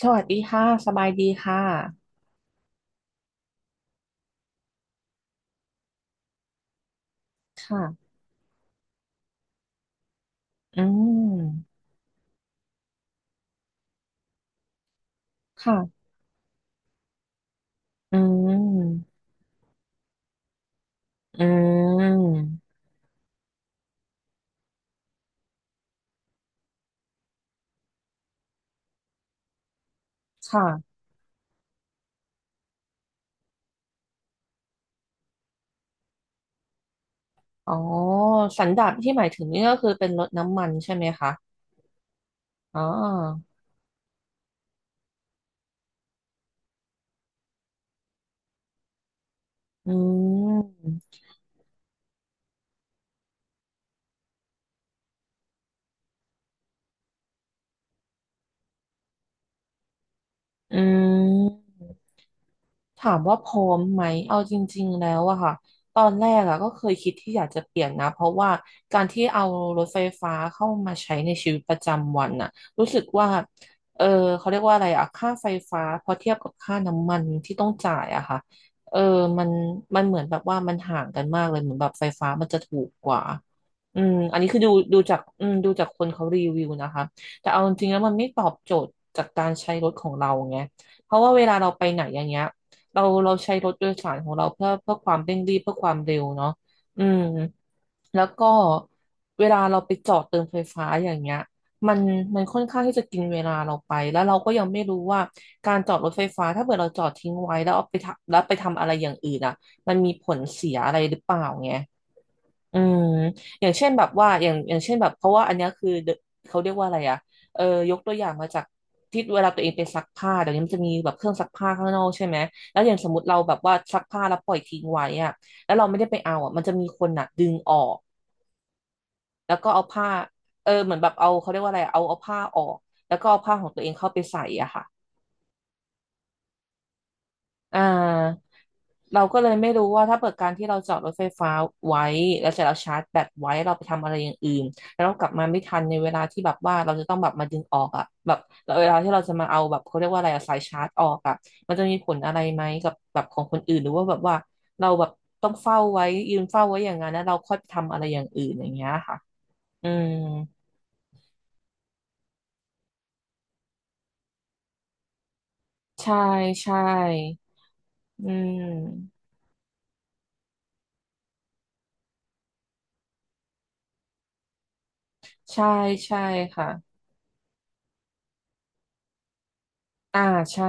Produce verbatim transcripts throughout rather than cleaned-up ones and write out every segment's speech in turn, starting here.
สวัสดีค่ะ สบายดีค่ะ ค่ะ อืม ค่ะ อืม อืม ค่ะ อ๋อ สันดาปที่หมายถึงนี่ก็คือเป็นรถน้ำมันใช่ไหมคะ อ๋อ อืม อืม ถามว่าพร้อมไหมเอาจริงๆแล้วอะค่ะตอนแรกอะก็เคยคิดที่อยากจะเปลี่ยนนะเพราะว่าการที่เอารถไฟฟ้าเข้ามาใช้ในชีวิตประจำวันอะรู้สึกว่าเออเขาเรียกว่าอะไรอะค่าไฟฟ้าพอเทียบกับค่าน้ำมันที่ต้องจ่ายอะค่ะเออมันมันเหมือนแบบว่ามันห่างกันมากเลยเหมือนแบบไฟฟ้ามันจะถูกกว่าอืมอันนี้คือดูดูจากอืมดูจากคนเขารีวิวนะคะแต่เอาจริงๆแล้วมันไม่ตอบโจทย์จากการใช้รถของเราไงเพราะว่าเวลาเราไปไหนอย่างเงี้ย เราเราใช้รถโดยสารของเราเพื่อเพื่อความเร่งรีบเพื่อความเร็วเนาะอืมแล้วก็เวลาเราไปจอดเติมไฟฟ้าอย่างเงี้ยมันมันค่อนข้างที่จะกินเวลาเราไปแล้วเราก็ยังไม่รู้ว่าการจอดรถไฟฟ้าถ้าเกิดเราจอดทิ้งไว้แล้วเอาไปทำแล้วไปทำอะไรอย่างอื่นอ่ะมันมีผลเสียอะไรหรือเปล่าไง อืมอย่างเช่นแบบว่าอย่างอย่างเช่นแบบเพราะว่าอันเนี้ยคือเดอะเขาเรียกว่าอะไรอะเออยกตัวอย่างมาจากที่เวลาตัวเองไปซักผ้าเดี๋ยวนี้มันจะมีแบบเครื่องซักผ้าข้างนอกใช่ไหมแล้วอย่างสมมติเราแบบว่าซักผ้าแล้วปล่อยทิ้งไว้อะแล้วเราไม่ได้ไปเอาอะมันจะมีคนน่ะดึงออกแล้วก็เอาผ้าเออเหมือนแบบเอาเขาเรียกว่าอะไรเอาเอาผ้าออกแล้วก็เอาผ้าของตัวเองเข้าไปใส่อะค่ะ อ่าเราก็เลยไม่รู้ว่าถ้าเปิดการที่เราจอดรถไฟฟ้าไว้แล้วเสร็จเราชาร์จแบตไว้เราไปทำอะไรอย่างอื่นแล้วเรากลับมาไม่ทันในเวลาที่แบบว่าเราจะต้องแบบมาดึงออกอะแบบเวลาที่เราจะมาเอาแบบเขาเรียกว่าอะไรอะสายชาร์จออกอะมันจะมีผลอะไรไหมกับแบบของคนอื่นหรือว่าแบบว่าเราแบบต้องเฝ้าไว้ยืนเฝ้าไว้อย่างนั้นแล้วเราค่อยไปทำอะไรอย่างอื่นอย่างเงี้ยค่ะอืมใช่ใช่อืมใช่ใช่ค่ะอ่าใช่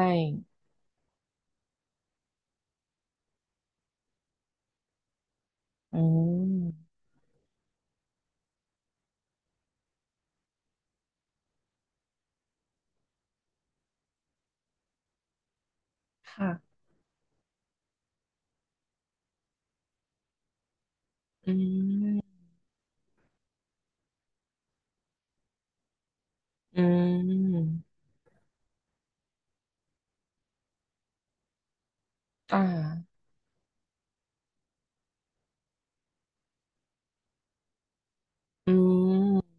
อืมค่ะ อืมอืมอ่าอืม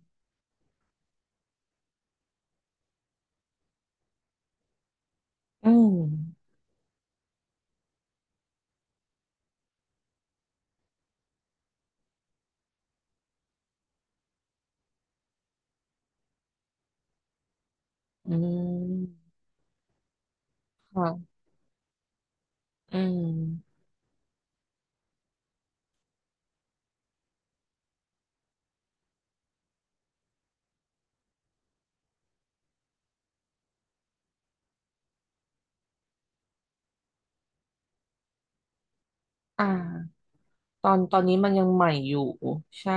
อืมอืมค่ะอืมอ่าตอนตอนนี้มันยังใหม่อยู่ใช่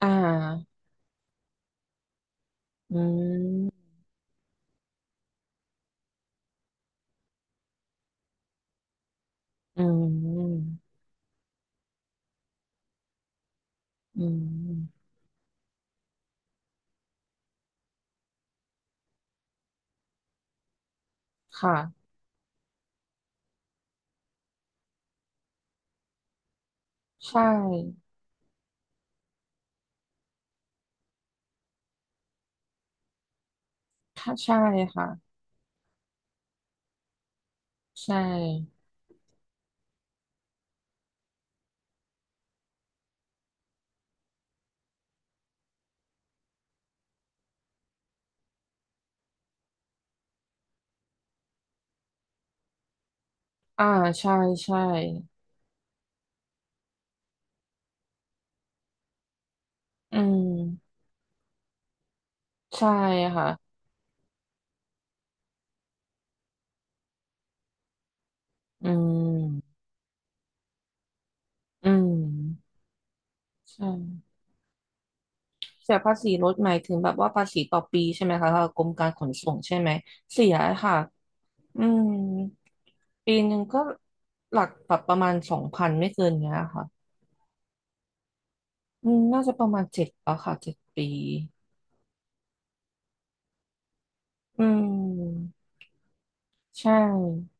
อ่าอืมอืมอืมค่ะใช่ค่ะใช่ค่ะใช่อ่าใช่ใช่อืมใช่ค่ะอืมอืมใช่ เสียภาษีรถหมายถึงแบบว่าภาษีต่อปีใช่ไหมคะทางกรมการขนส่งใช่ไหมเสียค่ะอืมปีหนึ่งก็หลักแบบประมาณสองพันไม่เกินเนี้ยค่ะอืมน่าจะประมาณเจ็ดป่ะค่ะเจ็ดปีอืมใช่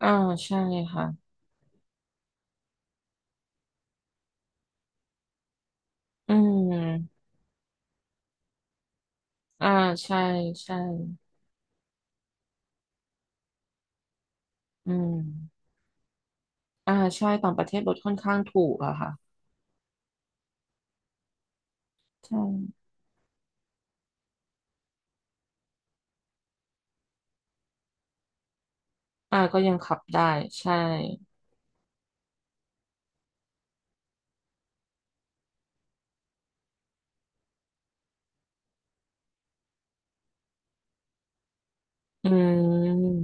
อ่าใช่ค่ะอืมอ่าใช่ใช่อืมอ่าใช่ต่างประเทศรถค่อนข้างถูกอะค่ะใช่อ่าก็ยังขับได้ใช่อืม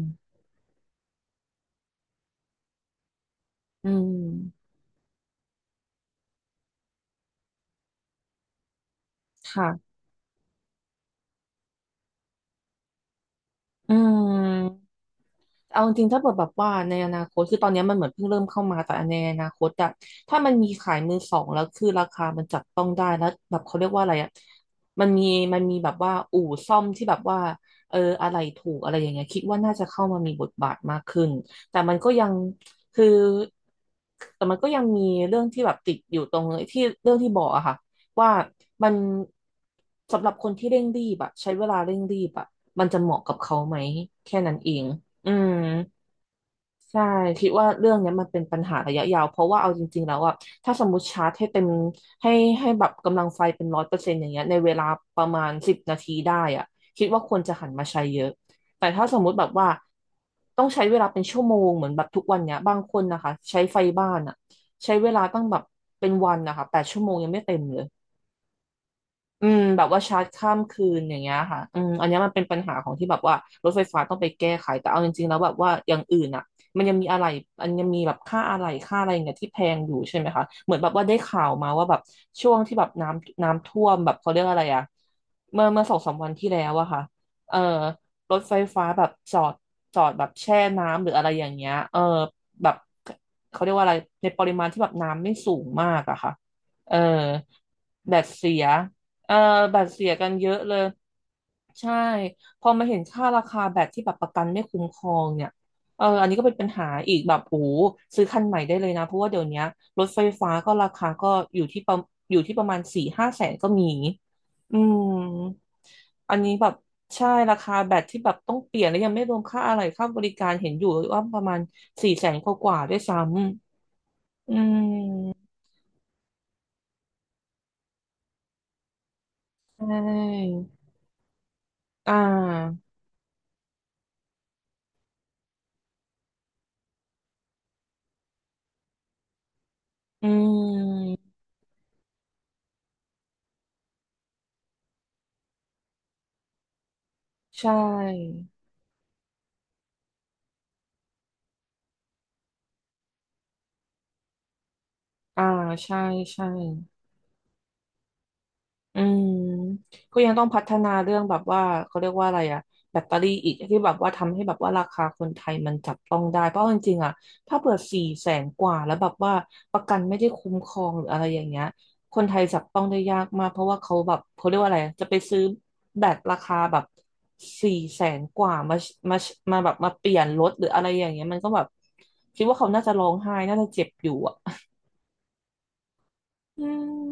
อืมค่ะ อืมเอาจริงๆถ้าเกิดแบบว่าในอนาคตคือตอนเนี้ยมันเหมือนเพิ่งเริ่มเข้ามาแต่ในอนาคตอะถ้ามันมีขายมือสองแล้วคือราคามันจับต้องได้แล้วแบบเขาเรียกว่าอะไรอะมันมีมันมีแบบว่าอู่ซ่อมที่แบบว่าเอออะไรถูกอะไรอย่างเงี้ยคิดว่าน่าจะเข้ามามีบทบาทมากขึ้นแต่มันก็ยังคือแต่มันก็ยังมีเรื่องที่แบบติดอยู่ตรงที่เรื่องที่บอกอะค่ะ ว่ามันสำหรับคนที่เร่งรีบอะใช้เวลาเร่งรีบอะมันจะเหมาะกับเขาไหมแค่นั้นเองอืมใช่คิดว่าเรื่องเนี้ยมันเป็นปัญหาระยะยาวเพราะว่าเอาจริงๆแล้วอะถ้าสมมติชาร์จให้เต็มให้ให้แบบกำลังไฟเป็นร้อยเปอร์เซ็นต์อย่างเงี้ยในเวลาประมาณสิบนาทีได้อะคิดว่าควรจะหันมาใช้เยอะแต่ถ้าสมมุติแบบว่าต้องใช้เวลาเป็นชั่วโมงเหมือนแบบทุกวันเนี้ยบางคนนะคะใช้ไฟบ้านอะใช้เวลาตั้งแบบเป็นวันนะคะแปดชั่วโมงยังไม่เต็มเลย อืมแบบว่าชาร์จข้ามคืนอย่างเงี้ยค่ะอืมอันเนี้ยมันเป็นปัญหาของที่แบบว่ารถไฟฟ้าต้องไปแก้ไขแต่เอาจริงๆแล้วแบบว่าอย่างอื่นอ่ะมันยังมีอะไรอันยังมีแบบค่าอะไรค่าอะไรอย่างเงี้ยที่แพงอยู่ใช่ไหมคะเหมือนแบบว่าได้ข่าวมาว่าแบบช่วงที่แบบน้ำน้ำท่วมแบบเขาเรียกอะไรอ่ะเมื่อเมื่อสองสามวันที่แล้วอะค่ะเออรถไฟฟ้าแบบจอดจอดแบบแช่น้ำหรืออะไรอย่างเงี้ยเออแบบเขาเรียกว่าอะไรในปริมาณที่แบบน้ำไม่สูงมากอะค่ะเออแบตเสีย เอ่อบัตรเสียกันเยอะเลยใช่พอมาเห็นค่าราคาแบบที่แบบประกันไม่คุ้มครองเนี่ยเอออันนี้ก็เป็นปัญหาอีกแบบโอ้โหซื้อคันใหม่ได้เลยนะเพราะว่าเดี๋ยวเนี้ยรถไฟฟ้าก็ราคาก็อยู่ที่ประอยู่ที่ประมาณสี่ห้าแสนก็มีอืมอันนี้แบบใช่ราคาแบตที่แบบต้องเปลี่ยนแล้วยังไม่รวมค่าอะไรค่าบริการเห็นอยู่ว่าประมาณสี่แสนกว่าๆด้วยซ้ำอืมใช่อ่าอืม ใช่อ่าใช่ใช่อืมก็ยังต้องพัฒนาเรื่องแบบว่าเขาเรียกว่าอะไรอะแบตเตอรี่อีกที่แบบว่าทำให้แบบว่าราคาคนไทยมันจับต้องได้เพราะจริงๆอะถ้าเผื่อสี่แสนกว่าแล้วแบบว่าประกันไม่ได้คุ้มครองหรืออะไรอย่างเงี้ยคนไทยจับต้องได้ยากมากเพราะว่าเขาแบบเขาเรียกว่าอะไรจะไปซื้อแบตราคาแบบสี่แสนกว่ามามามาแบบมาเปลี่ยนรถหรืออะไรอย่างเงี้ยมันก็แบบคิดว่าเขาน่าจะร้องไห้น่าจะเจ็บอยู่อะอื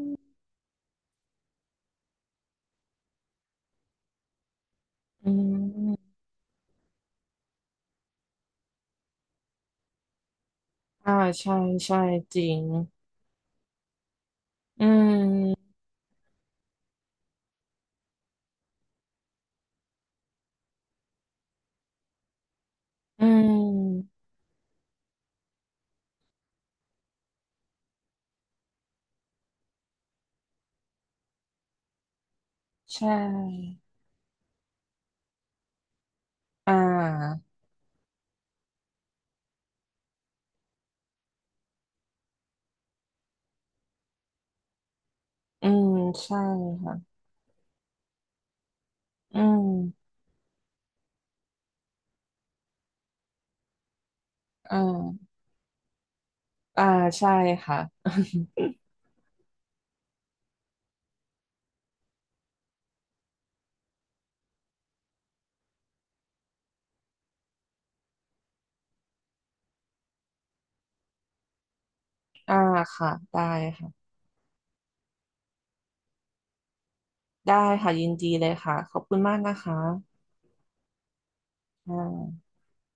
ม อืม อ่า ใช่ ใช่จริง อืม อืม ใช่ อ่า อืม ใช่ค่ะ อืมอ่าอ่า ใช่ค่ะ อ่าค่ะ ได้ค่ะ ได้ค่ะ ยินดีเลยค่ะ ขอบคุณมากนะคะอ่า